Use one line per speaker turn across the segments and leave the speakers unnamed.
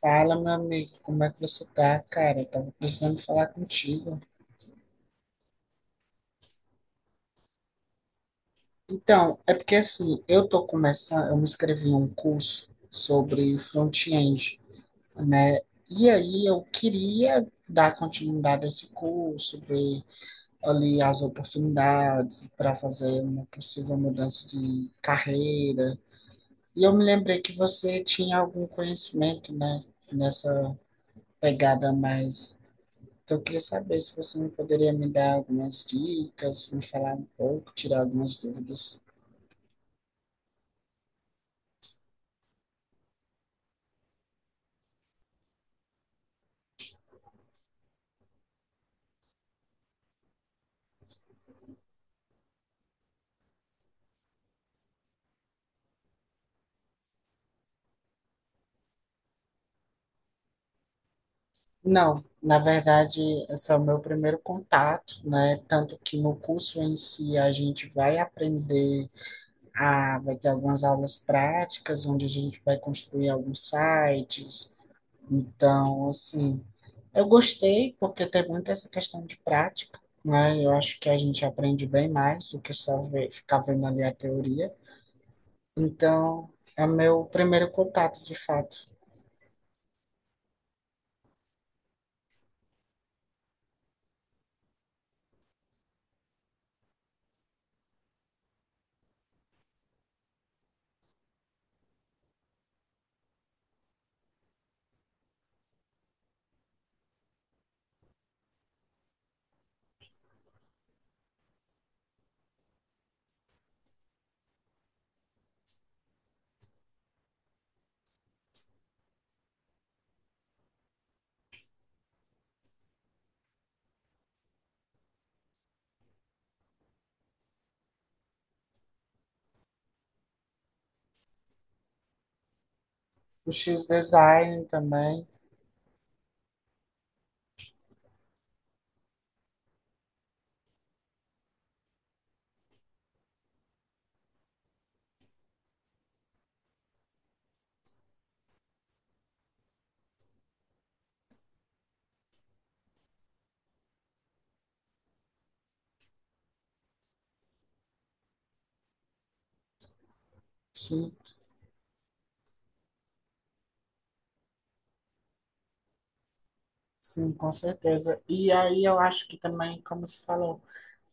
Fala, meu amigo, como é que você tá, cara? Eu tava precisando falar contigo. Então, é porque assim, eu tô começando, eu me inscrevi em um curso sobre front-end, né? E aí eu queria dar continuidade a esse curso, ver ali as oportunidades para fazer uma possível mudança de carreira. E eu me lembrei que você tinha algum conhecimento, né, nessa pegada mais. Então, eu queria saber se você não poderia me dar algumas dicas, me falar um pouco, tirar algumas dúvidas. Não, na verdade, esse é o meu primeiro contato, né? Tanto que no curso em si a gente vai aprender a, vai ter algumas aulas práticas, onde a gente vai construir alguns sites. Então, assim, eu gostei porque tem muito essa questão de prática, né? Eu acho que a gente aprende bem mais do que só ver, ficar vendo ali a teoria. Então, é meu primeiro contato, de fato. O X Design também, sim, sim, com certeza. E aí eu acho que também, como se falou,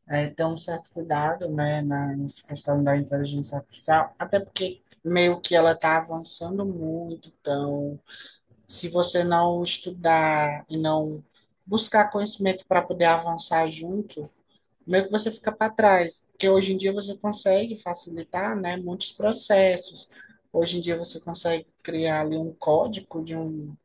é, ter um certo cuidado, né, nessa questão da inteligência artificial, até porque meio que ela está avançando muito, então, se você não estudar e não buscar conhecimento para poder avançar junto, meio que você fica para trás, porque hoje em dia você consegue facilitar, né, muitos processos. Hoje em dia você consegue criar ali um código de um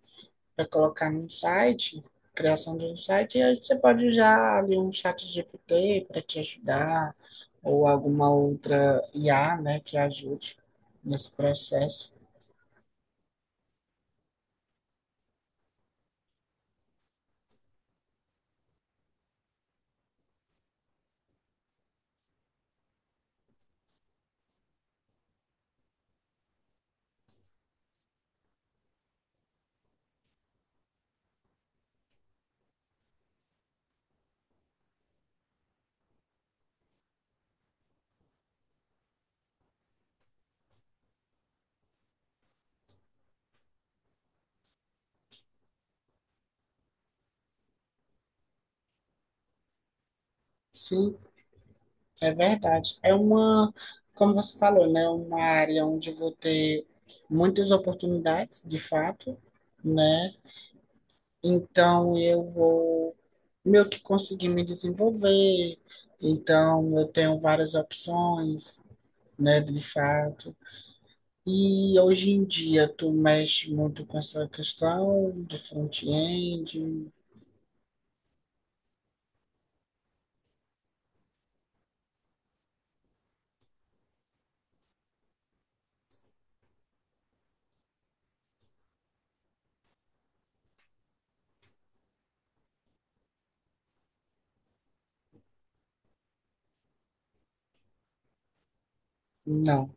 para colocar num site, criação de um site, e aí você pode usar ali um chat GPT para te ajudar, ou alguma outra IA, né, que ajude nesse processo. Sim, é verdade. É uma, como você falou, né, uma área onde eu vou ter muitas oportunidades, de fato, né? Então, eu vou meio que conseguir me desenvolver. Então, eu tenho várias opções, né, de fato. E hoje em dia, tu mexe muito com essa questão de front-end? Não.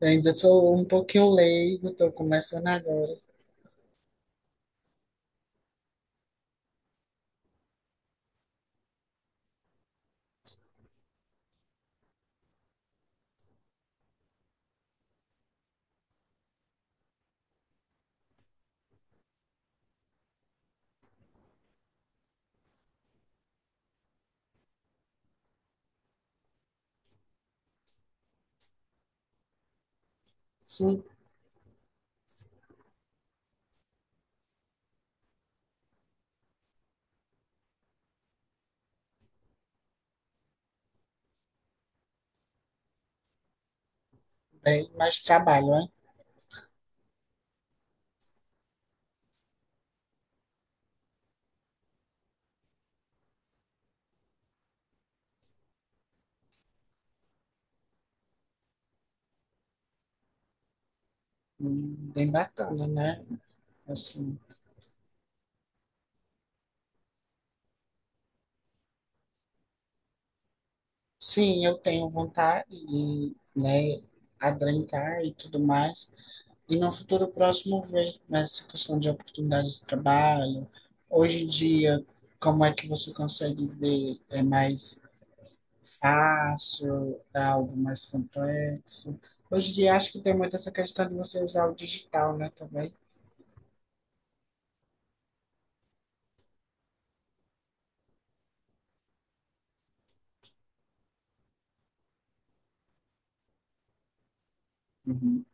Eu ainda sou um pouquinho leigo, estou começando agora. Sim, bem, mas trabalho, né? Bem bacana, né? Assim, sim, eu tenho vontade de, né, adentrar e tudo mais. E no futuro próximo ver nessa questão de oportunidades de trabalho. Hoje em dia, como é que você consegue ver? É mais fácil, é algo mais complexo? Hoje em dia, acho que tem muito essa questão de você usar o digital, né, também. Uhum.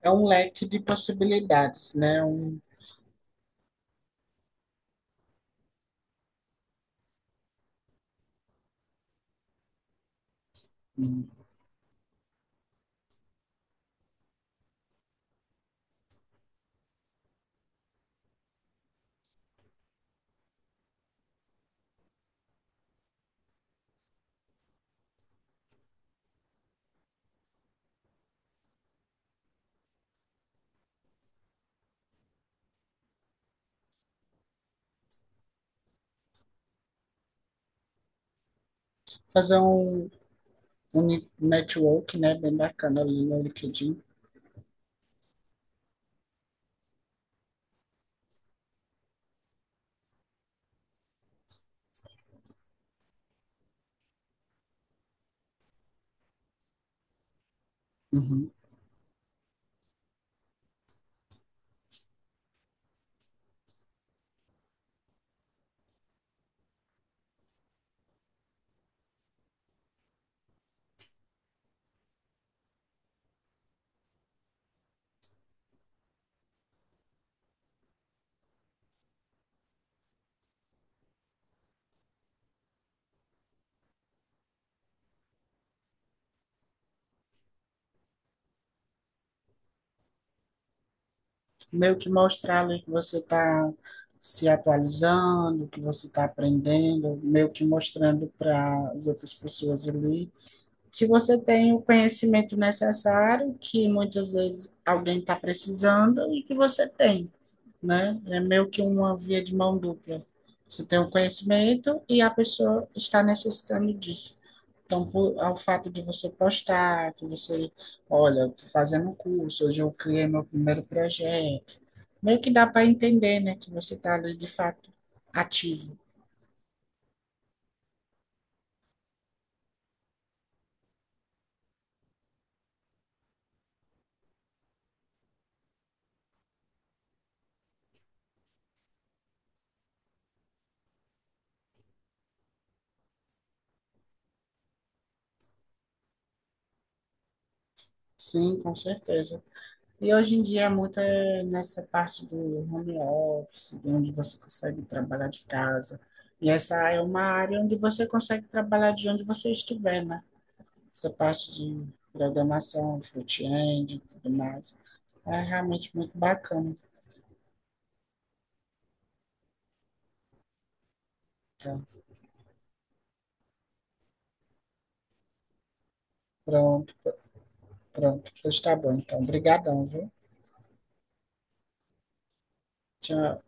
É um leque de possibilidades, né? Um, uhum, fazer um, um network, né, bem bacana ali no LinkedIn. Uhum, meio que mostrar ali que você está se atualizando, que você está aprendendo, meio que mostrando para as outras pessoas ali que você tem o conhecimento necessário, que muitas vezes alguém está precisando e que você tem, né? É meio que uma via de mão dupla. Você tem o conhecimento e a pessoa está necessitando disso. Então, por, ao fato de você postar, que você, olha, tô fazendo um curso, hoje eu criei meu primeiro projeto, meio que dá para entender, né, que você está ali de fato ativo. Sim, com certeza. E hoje em dia, é muito é nessa parte do home office, de onde você consegue trabalhar de casa. E essa é uma área onde você consegue trabalhar de onde você estiver, né? Essa parte de programação, front-end e tudo mais. É realmente muito bacana. Então, pronto, pronto, pois tá bom. Então, brigadão, viu? Tchau.